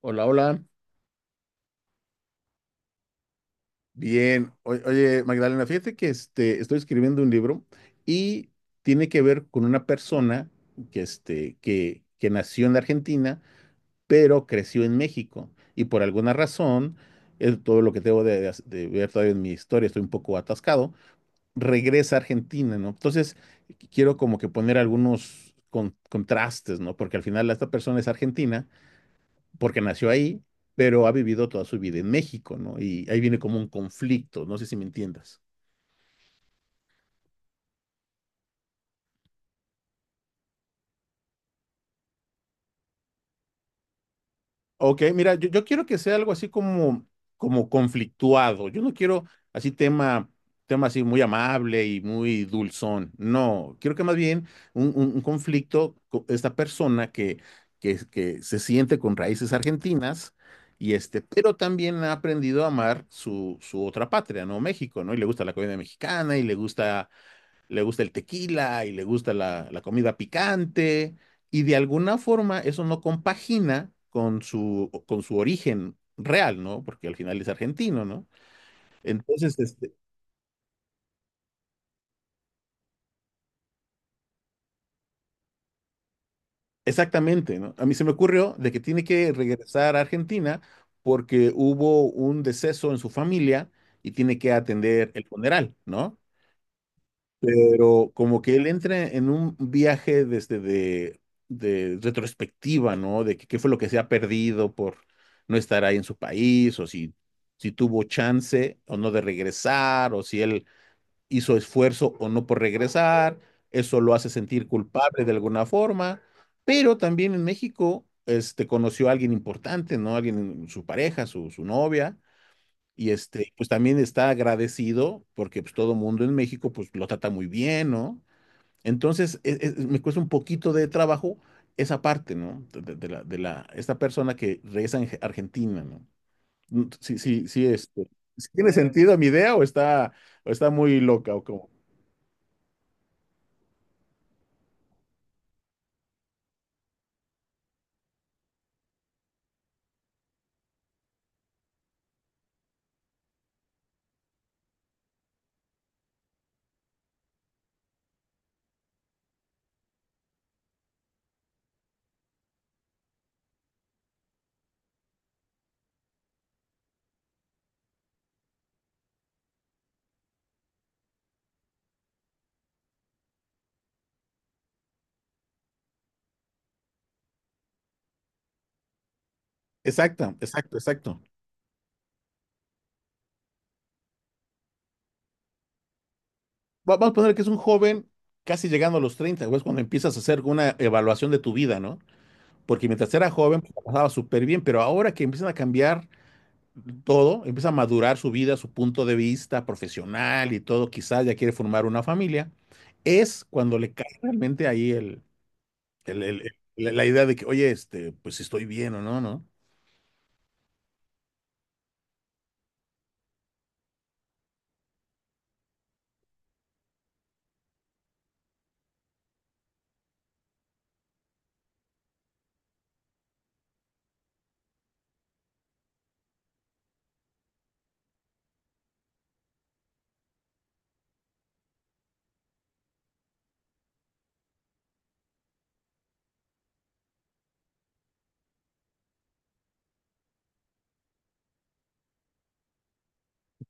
Hola, hola. Bien. Oye, Magdalena, fíjate estoy escribiendo un libro y tiene que ver con una persona que nació en la Argentina, pero creció en México. Y por alguna razón, es todo lo que tengo de ver todavía en mi historia, estoy un poco atascado, regresa a Argentina, ¿no? Entonces, quiero como que poner algunos contrastes, ¿no? Porque al final esta persona es argentina porque nació ahí, pero ha vivido toda su vida en México, ¿no? Y ahí viene como un conflicto, no sé si me entiendas. Ok, mira, yo quiero que sea algo así como conflictuado. Yo no quiero así tema así muy amable y muy dulzón. No, quiero que más bien un conflicto con esta persona que se siente con raíces argentinas y pero también ha aprendido a amar su otra patria, ¿no? México, ¿no? Y le gusta la comida mexicana y le gusta el tequila y le gusta la comida picante, y de alguna forma eso no compagina con su origen real, ¿no? Porque al final es argentino, ¿no? Entonces, exactamente, ¿no? A mí se me ocurrió de que tiene que regresar a Argentina porque hubo un deceso en su familia y tiene que atender el funeral, ¿no? Pero como que él entra en un viaje de retrospectiva, ¿no? De que qué fue lo que se ha perdido por no estar ahí en su país, o si, si tuvo chance o no de regresar, o si él hizo esfuerzo o no por regresar. Eso lo hace sentir culpable de alguna forma. Pero también en México, conoció a alguien importante, ¿no? Alguien, su pareja, su novia. Y pues también está agradecido porque pues todo mundo en México pues lo trata muy bien, ¿no? Entonces, me cuesta un poquito de trabajo esa parte, ¿no? De la, esta persona que regresa en Argentina, ¿no? Mm. Sí, sí, sí. ¿Tiene sentido mi idea, o está muy loca o cómo? Exacto, exacto, exacto. Vamos a poner que es un joven casi llegando a los 30 güey, es cuando empiezas a hacer una evaluación de tu vida, ¿no? Porque mientras era joven, pues, la pasaba súper bien, pero ahora que empiezan a cambiar todo, empieza a madurar su vida, su punto de vista profesional y todo, quizás ya quiere formar una familia, es cuando le cae realmente ahí el- el- el- la idea de que, oye, pues si estoy bien o no, ¿no?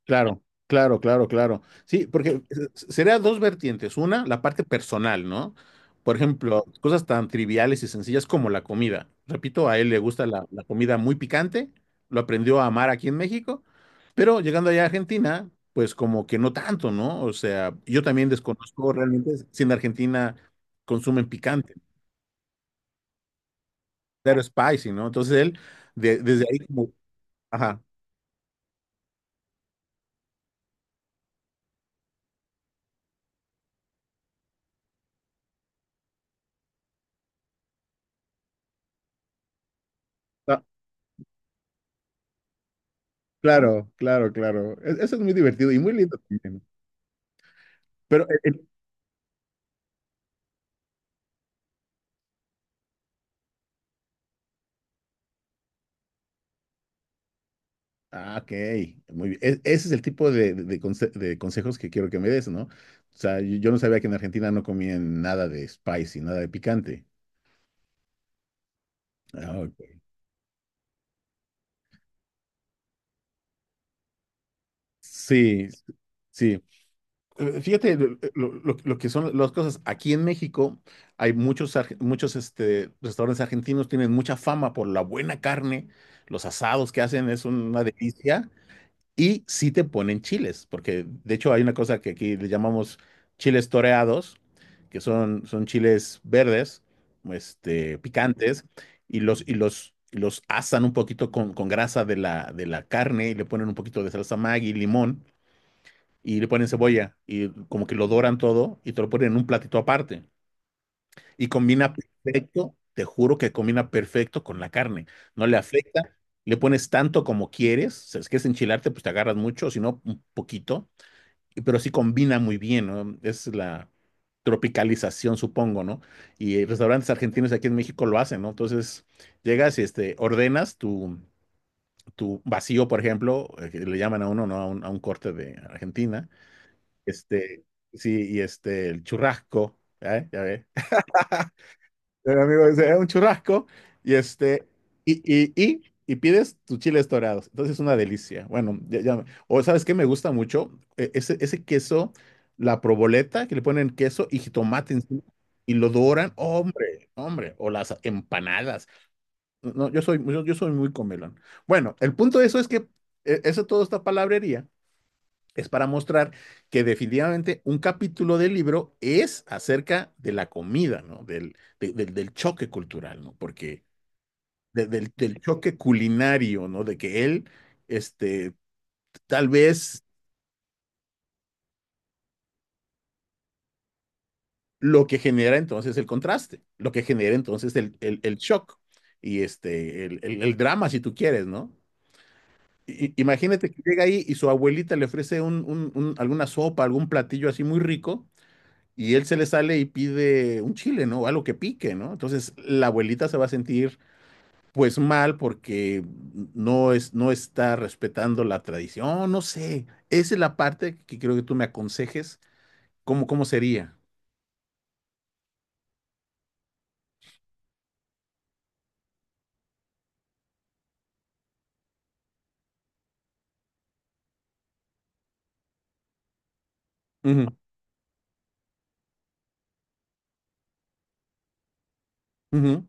Claro, claro, claro, claro. Sí, porque sería dos vertientes. Una, la parte personal, ¿no? Por ejemplo, cosas tan triviales y sencillas como la comida. Repito, a él le gusta la comida muy picante, lo aprendió a amar aquí en México. Pero llegando allá a Argentina, pues como que no tanto, ¿no? O sea, yo también desconozco realmente si en Argentina consumen picante, claro, spicy, ¿no? Entonces él, desde ahí como, ajá, ah, claro, claro, claro. Eso es muy divertido y muy lindo también. Pero, ah, ok, muy bien. Ese es el tipo de consejos que quiero que me des, ¿no? O sea, yo no sabía que en Argentina no comían nada de spicy, nada de picante. Ah, ok. Sí, sí. Fíjate lo que son las cosas. Aquí en México hay muchos restaurantes argentinos, tienen mucha fama por la buena carne, los asados que hacen es una delicia y sí te ponen chiles, porque de hecho hay una cosa que aquí le llamamos chiles toreados, que son chiles verdes, picantes, y y los asan un poquito con grasa de la carne y le ponen un poquito de salsa Maggi, limón y le ponen cebolla y como que lo doran todo y te lo ponen en un platito aparte. Y combina perfecto, te juro que combina perfecto con la carne. No le afecta, le pones tanto como quieres. Si es que es enchilarte, pues te agarras mucho, si no, un poquito. Pero sí combina muy bien, ¿no? Es la tropicalización, supongo, ¿no? Y restaurantes argentinos aquí en México lo hacen, ¿no? Entonces llegas y ordenas tu vacío, por ejemplo, que le llaman a uno, ¿no? A a un corte de Argentina este, sí, y el churrasco, ¿eh? Ya ves. El amigo dice: un churrasco, y y pides tus chiles dorados." Entonces es una delicia. Bueno, o ¿sabes qué me gusta mucho? Ese queso, la proboleta, que le ponen queso y jitomate encima, y lo doran. Hombre, hombre, o las empanadas. No, no, yo soy muy comelón. Bueno, el punto de eso es que eso todo esta palabrería es para mostrar que definitivamente un capítulo del libro es acerca de la comida, ¿no? Del choque cultural, ¿no? Porque del choque culinario, ¿no? De que él, este, tal vez lo que genera entonces el contraste, lo que genera entonces el shock y el drama, si tú quieres, ¿no? Imagínate que llega ahí y su abuelita le ofrece alguna sopa, algún platillo así muy rico, y él se le sale y pide un chile, ¿no? Algo que pique, ¿no? Entonces la abuelita se va a sentir pues mal porque no es, no está respetando la tradición, no sé. Esa es la parte que creo que tú me aconsejes, cómo sería. Ujú, ujú,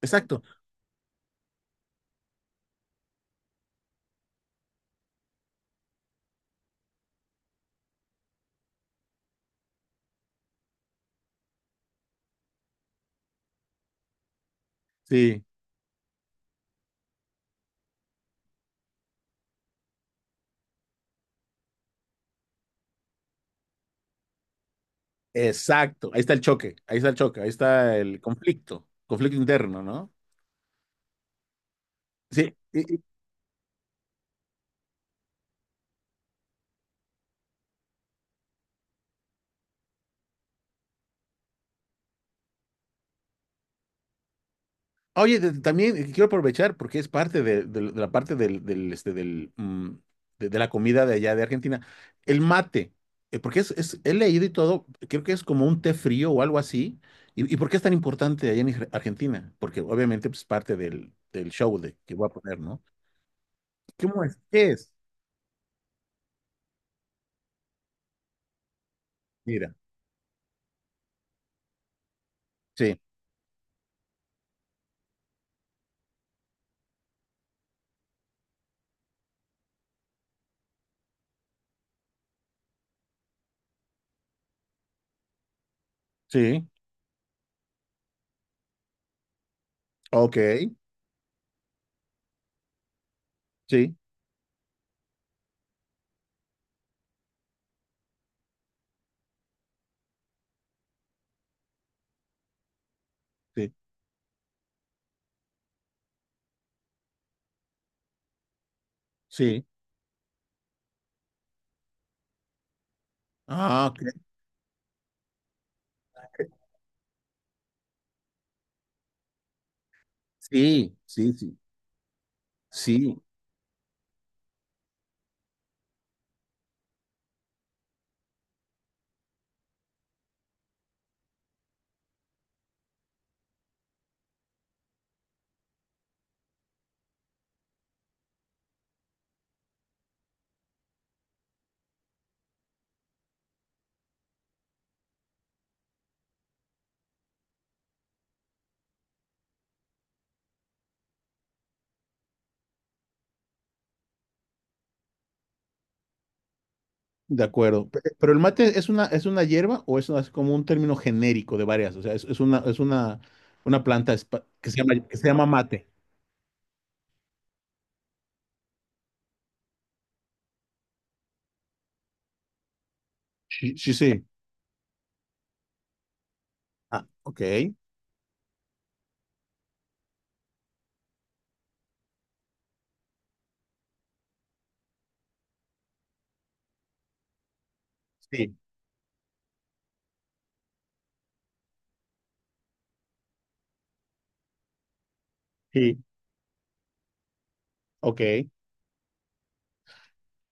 exacto, sí, exacto. Ahí está el choque, ahí está el choque, ahí está el conflicto, conflicto interno, ¿no? Sí, oye, también quiero aprovechar porque es parte de la parte del, del, este, de la comida de allá de Argentina. El mate, porque he leído y todo, creo que es como un té frío o algo así. Y por qué es tan importante allá en Argentina? Porque obviamente pues, es parte del show de, que voy a poner, ¿no? ¿Cómo es? ¿Qué es? Mira, sí, sí, ok, sí, sí, sí. Ah, ok. Sí, sí, sí, sí. De acuerdo. Pero el mate es es una hierba o es como un término genérico de varias. O sea, una planta que se llama mate. Sí, sí, sí. Ah, ok. Sí, sí. Ok.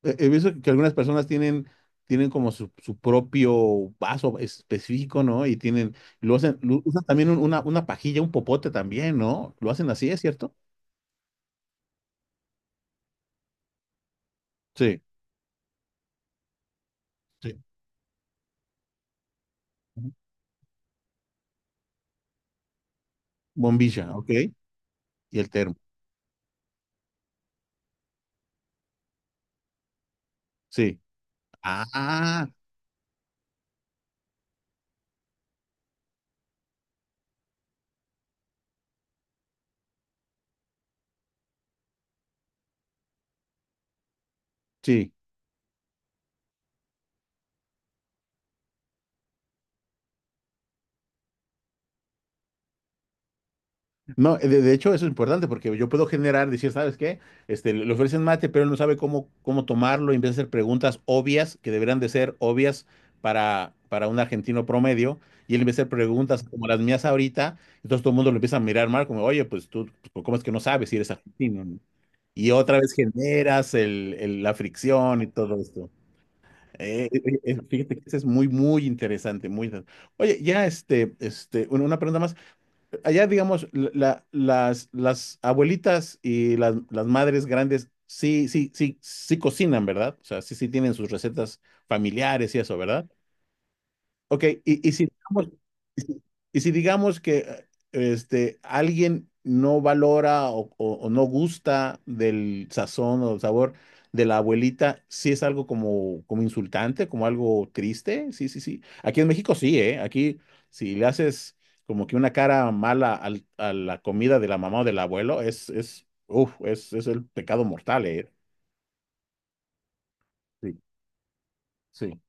He visto que algunas personas tienen como su propio vaso específico, ¿no? Y lo usan también una pajilla, un popote también, ¿no? Lo hacen así, ¿es cierto? Sí, sí. Ujú. Bombilla, ok. Y el termo. Sí. Ah, sí. No, de hecho eso es importante porque yo puedo generar, decir, ¿sabes qué? Le ofrecen mate, pero él no sabe cómo tomarlo y empieza a hacer preguntas obvias que deberían de ser obvias para un argentino promedio, y él empieza a hacer preguntas como las mías ahorita, entonces todo el mundo lo empieza a mirar mal como, oye, pues tú, pues, ¿cómo es que no sabes si eres argentino, no? Y otra vez generas la fricción y todo esto. Fíjate que eso es muy, muy interesante, muy interesante. Oye, ya una pregunta más. Allá, digamos, las abuelitas y las madres grandes sí, sí, sí, sí cocinan, ¿verdad? O sea, sí, sí tienen sus recetas familiares y eso, ¿verdad? Ok, y si, y si digamos que alguien no valora o no gusta del sazón o sabor de la abuelita, sí es algo como insultante, como algo triste, sí, sí, sí. Aquí en México sí, ¿eh? Aquí si le haces como que una cara mala a la comida de la mamá o del abuelo, es el pecado mortal, ¿eh? Sí, sí.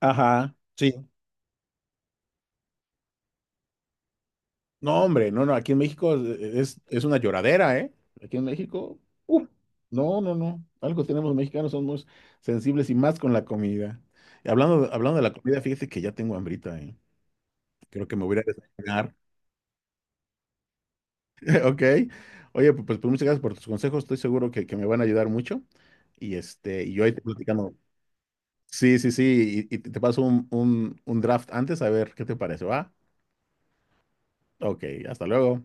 Ajá. Sí. No, hombre, no, no, aquí en México es una lloradera, ¿eh? Aquí en México, uf, no, no, no, algo tenemos mexicanos, somos sensibles y más con la comida. Y hablando de la comida, fíjate que ya tengo hambrita, ¿eh? Creo que me voy a ir a desayunar, ¿ok? Oye, pues muchas gracias por tus consejos, estoy seguro que me van a ayudar mucho. Y y yo ahí te platicando. Sí, sí, sí, y te paso un draft antes a ver qué te parece, ¿va? Ok, hasta luego.